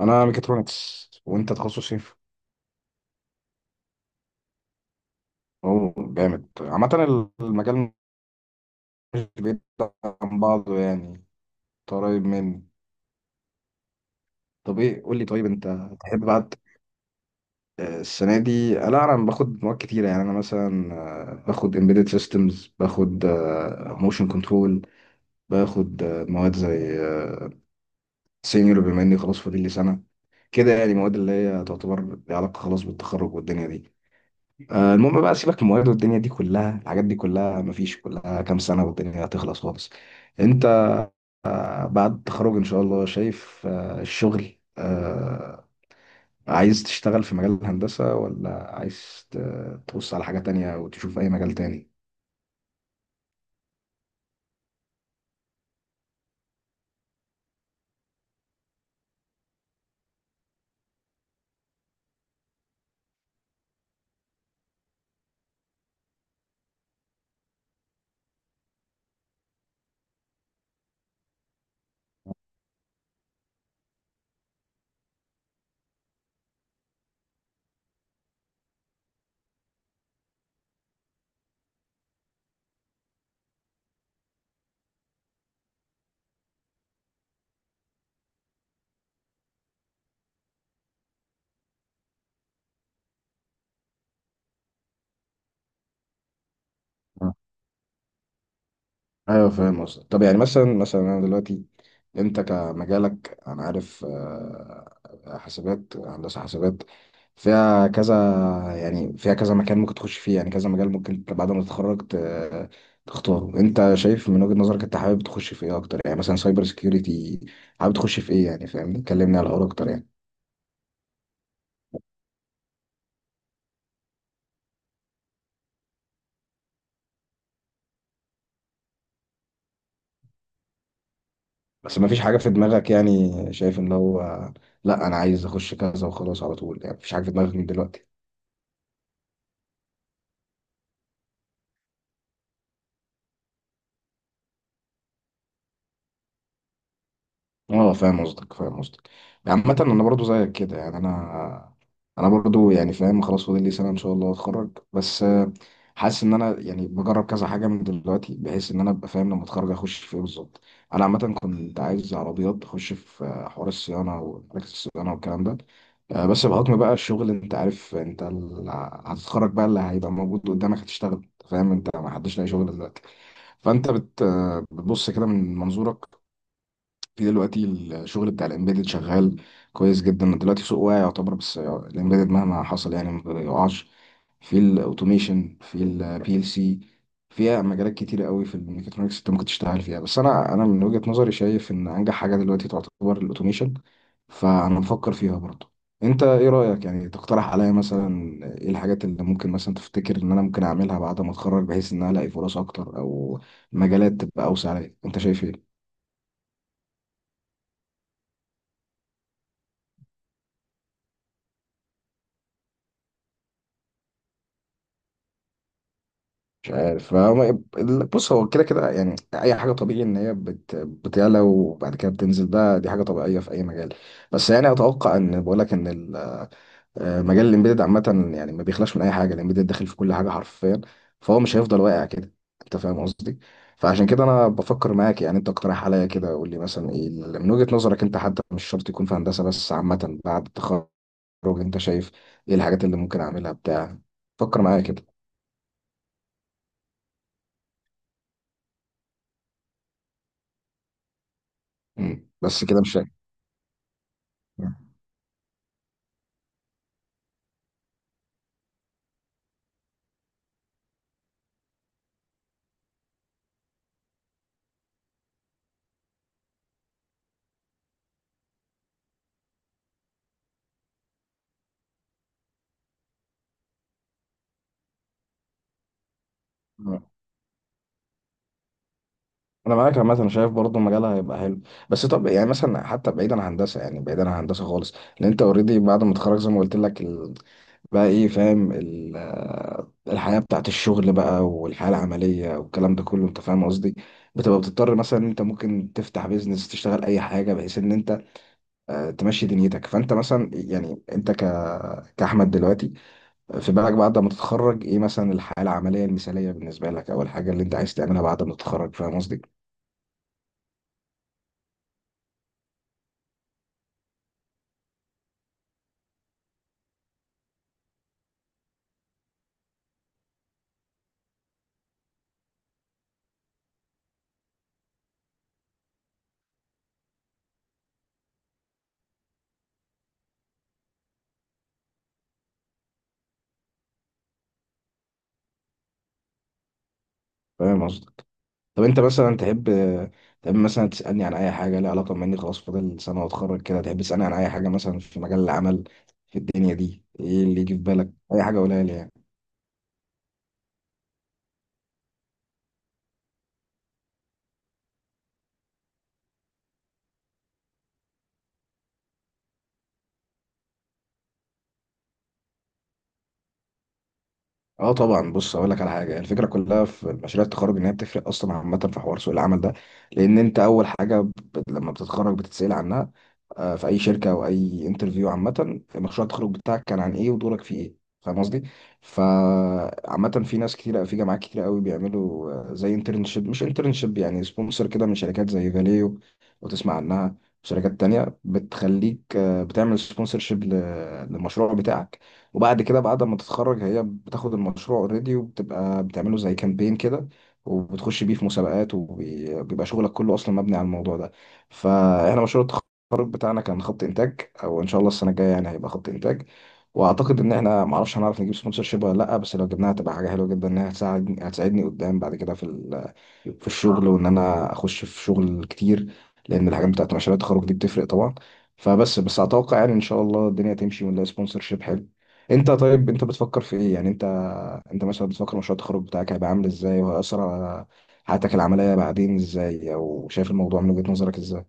انا ميكاترونكس، وانت تخصص ايه؟ اوه، جامد. عامة المجال مش بعيد عن بعضه يعني، انت قريب مني. طب ايه، قول لي، طيب انت تحب بقى السنة دي، لا، انا باخد مواد كتيرة يعني، انا مثلا باخد embedded systems، باخد motion control، باخد مواد زي سينيور، بما اني خلاص فاضل لي سنة كده، يعني مواد اللي هي تعتبر ليها علاقة خلاص بالتخرج والدنيا دي. المهم بقى سيبك من المواد والدنيا دي كلها، الحاجات دي كلها مفيش، كلها كام سنة والدنيا هتخلص خالص. انت بعد التخرج ان شاء الله شايف الشغل، عايز تشتغل في مجال الهندسة ولا عايز تبص على حاجة تانية وتشوف اي مجال تاني؟ ايوه، فاهم قصدك. طب يعني مثلا انا دلوقتي انت كمجالك، انا عارف حاسبات، هندسه حاسبات فيها كذا، يعني فيها كذا مكان ممكن تخش فيه، يعني كذا مجال ممكن بعد ما تتخرج تختاره انت شايف من وجهه نظرك انت حابب تخش في ايه اكتر، يعني مثلا سايبر سكيورتي، حابب تخش في ايه يعني؟ فاهمني، كلمني على الحوار اكتر يعني. بس ما فيش حاجه في دماغك، يعني شايف ان هو لا، انا عايز اخش كذا وخلاص على طول يعني، مفيش حاجه في دماغك من دلوقتي؟ اه، فاهم قصدك فاهم قصدك. عامة انا برضو زيك كده، يعني انا برضو يعني فاهم، خلاص فاضل لي سنة ان شاء الله اتخرج، بس حاسس ان انا يعني بجرب كذا حاجة من دلوقتي، بحيث ان انا ابقى فاهم لما اتخرج اخش في ايه بالظبط. انا عامة كنت عايز عربيات، اخش في حوار الصيانة ومراكز الصيانة والكلام ده، بس بحكم بقى الشغل، انت عارف انت هتتخرج بقى، اللي هيبقى موجود قدامك هتشتغل، فاهم؟ انت ما حدش لاقي شغل دلوقتي، فانت بت آه، بتبص كده من منظورك في دلوقتي. الشغل بتاع الامبيدد شغال كويس جدا دلوقتي، سوق واعي يعتبر، بس الامبيدد مهما حصل يعني ما بيقعش. في الاوتوميشن، في البي ال سي، فيها مجالات كتيرة قوي في الميكاترونكس انت ممكن تشتغل فيها. بس انا من وجهة نظري شايف ان انجح حاجة دلوقتي تعتبر الاوتوميشن، فانا بفكر فيها برضه. انت ايه رأيك، يعني تقترح عليا مثلا ايه الحاجات اللي ممكن مثلا تفتكر ان انا ممكن اعملها بعد ما اتخرج بحيث ان انا الاقي فرص اكتر، او مجالات تبقى اوسع عليا؟ انت شايف ايه؟ مش عارف، بص، هو كده كده يعني، اي حاجه طبيعي ان هي بتعلى وبعد كده بتنزل، ده دي حاجه طبيعيه في اي مجال. بس يعني اتوقع ان بقول لك ان مجال الامبيدد عامه، يعني ما بيخلاش من اي حاجه، الامبيدد داخل في كل حاجه حرفيا. فهو مش هيفضل واقع كده، انت فاهم قصدي؟ فعشان كده انا بفكر معاك يعني، انت اقترح عليا كده، قول لي مثلا ايه من وجهه نظرك انت، حتى مش شرط يكون في هندسه، بس عامه بعد التخرج، انت شايف ايه الحاجات اللي ممكن اعملها بتاع؟ فكر معايا كده. مم. بس كده مش شايف. انا معاك عامه، انا شايف برضه مجالها هيبقى حلو. بس طب يعني مثلا، حتى بعيدا عن هندسه، يعني بعيدا عن هندسه خالص، لان انت اوريدي بعد ما تتخرج زي ما قلت لك بقى، ايه، فاهم ال... آه، الحياه بتاعت الشغل بقى، والحياه العمليه والكلام ده كله، انت فاهم قصدي؟ بتبقى بتضطر مثلا ان انت ممكن تفتح بيزنس، تشتغل اي حاجه بحيث ان انت تمشي دنيتك. فانت مثلا، يعني انت كاحمد دلوقتي، في بالك بعد ما تتخرج ايه مثلا الحياه العمليه المثاليه بالنسبه لك، او الحاجه اللي انت عايز تعملها بعد ما تتخرج، فاهم قصدي؟ فاهم قصدي؟ طب انت مثلا تحب مثلا تسألني عن اي حاجة ليها علاقة بما اني خلاص فاضل سنة واتخرج كده، تحب تسألني عن اي حاجة مثلا في مجال العمل في الدنيا دي، ايه اللي يجي في بالك؟ اي حاجة قولها لي يعني. اه، طبعا. بص، اقول لك على حاجه، الفكره كلها في مشاريع التخرج ان هي بتفرق اصلا عامه في حوار سوق العمل ده، لان انت اول حاجه لما بتتخرج بتتسال عنها في اي شركه او اي انترفيو عامه، مشروع التخرج بتاعك كان عن ايه، ودورك فيه ايه؟ فاهم قصدي؟ فعامه في ناس كتير في جامعات كتير قوي بيعملوا زي انترنشيب، مش انترنشيب يعني، سبونسر كده، من شركات زي فاليو وتسمع عنها، شركات تانية بتخليك بتعمل سبونسرشيب للمشروع بتاعك، وبعد كده بعد ما تتخرج هي بتاخد المشروع اوريدي وبتبقى بتعمله زي كامبين كده، وبتخش بيه في مسابقات، وبيبقى شغلك كله اصلا مبني على الموضوع ده. فاحنا مشروع التخرج بتاعنا كان خط انتاج، او ان شاء الله السنه الجايه يعني هيبقى خط انتاج، واعتقد ان احنا معرفش هنعرف نجيب سبونسر شيب ولا لا، بس لو جبناها هتبقى حاجه حلوه جدا، انها هتساعدني قدام بعد كده في الشغل، وان انا اخش في شغل كتير، لان الحاجات بتاعت مشاريع التخرج دي بتفرق طبعا. فبس اتوقع يعني ان شاء الله الدنيا تمشي ونلاقي سبونسر شيب حلو. انت طيب، انت بتفكر في ايه يعني؟ انت مثلا بتفكر مشروع التخرج بتاعك هيبقى عامل ازاي، وهيأثر على حياتك العملية بعدين ازاي، او شايف الموضوع من وجهة نظرك ازاي؟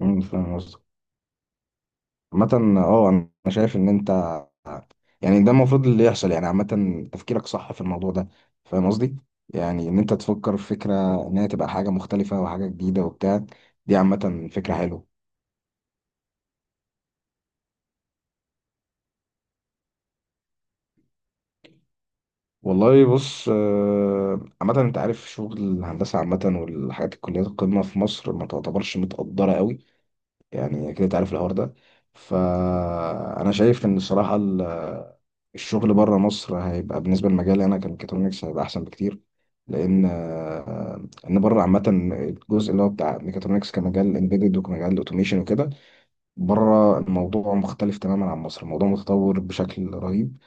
فاهم. عامة، اه، انا شايف ان انت، يعني ده المفروض اللي يحصل يعني، عامة تفكيرك صح في الموضوع ده، فاهم قصدي؟ يعني ان انت تفكر في فكرة ان هي تبقى حاجة مختلفة وحاجة جديدة وبتاع، دي عامة فكرة حلوة. والله، بص، عامة انت عارف شغل الهندسة عامة، والحاجات، الكليات القمة في مصر ما تعتبرش متقدرة قوي، يعني كده تعرف الحوار ده. فانا شايف ان الصراحه الشغل بره مصر هيبقى بالنسبه لمجالي انا كميكاترونكس، هيبقى احسن بكتير. لان ان بره عامه الجزء اللي هو بتاع ميكاترونكس كمجال امبيدد وكمجال اوتوميشن وكده، بره الموضوع مختلف تماما عن مصر، الموضوع متطور بشكل رهيب،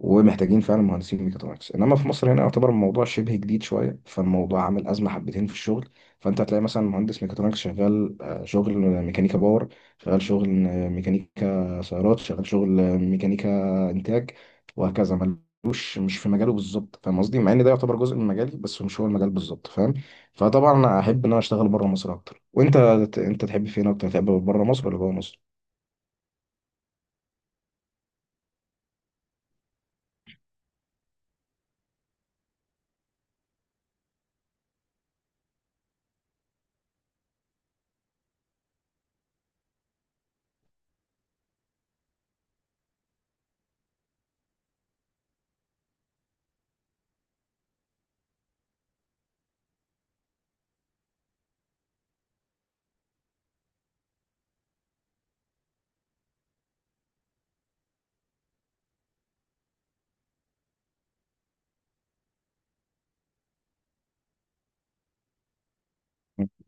ومحتاجين فعلا مهندسين ميكاترونكس. انما في مصر هنا يعتبر الموضوع شبه جديد شويه، فالموضوع عامل ازمه حبتين في الشغل. فانت هتلاقي مثلا مهندس ميكاترونكس شغال شغل ميكانيكا باور، شغال شغل ميكانيكا سيارات، شغال شغل ميكانيكا انتاج، وهكذا. ملوش، مش في مجاله بالظبط، فاهم قصدي؟ مع ان ده يعتبر جزء من مجالي، بس مش هو المجال بالظبط، فاهم؟ فطبعا انا احب ان انا اشتغل بره مصر اكتر. وانت تحب فين اكتر؟ تحب بره مصر ولا جوه مصر؟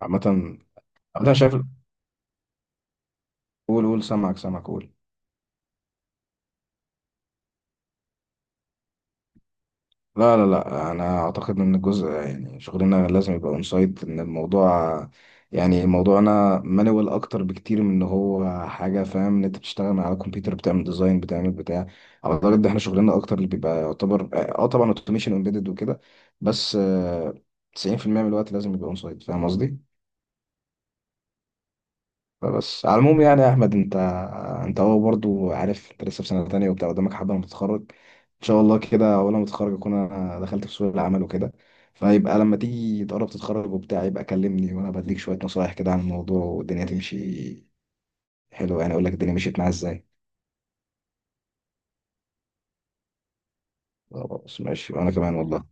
عامة انا شايف، قول قول، سامعك سامعك، قول. لا، لا، لا، انا اعتقد ان الجزء، يعني شغلنا لازم يبقى اون سايت، ان الموضوع يعني موضوعنا مانوال اكتر بكتير من ان هو حاجه، فاهم ان انت بتشتغل على كمبيوتر بتعمل ديزاين بتعمل بتاع. اعتقد ده احنا شغلنا اكتر اللي بيبقى يعتبر، طبعا اوتوميشن امبيدد وكده، بس 90% من الوقت لازم يبقى اون سايت، فاهم قصدي؟ فبس على العموم يعني يا احمد، انت هو برضو عارف انت لسه في سنه تانية وبتاع، قدامك حبه لما تتخرج. ان شاء الله كده اول ما تتخرج اكون انا دخلت في سوق العمل وكده، فيبقى لما تيجي تقرب تتخرج وبتاع يبقى كلمني، وانا بديك شويه نصايح كده عن الموضوع، والدنيا تمشي حلو يعني، اقول لك الدنيا مشيت معايا ازاي. خلاص، ماشي، وانا كمان والله.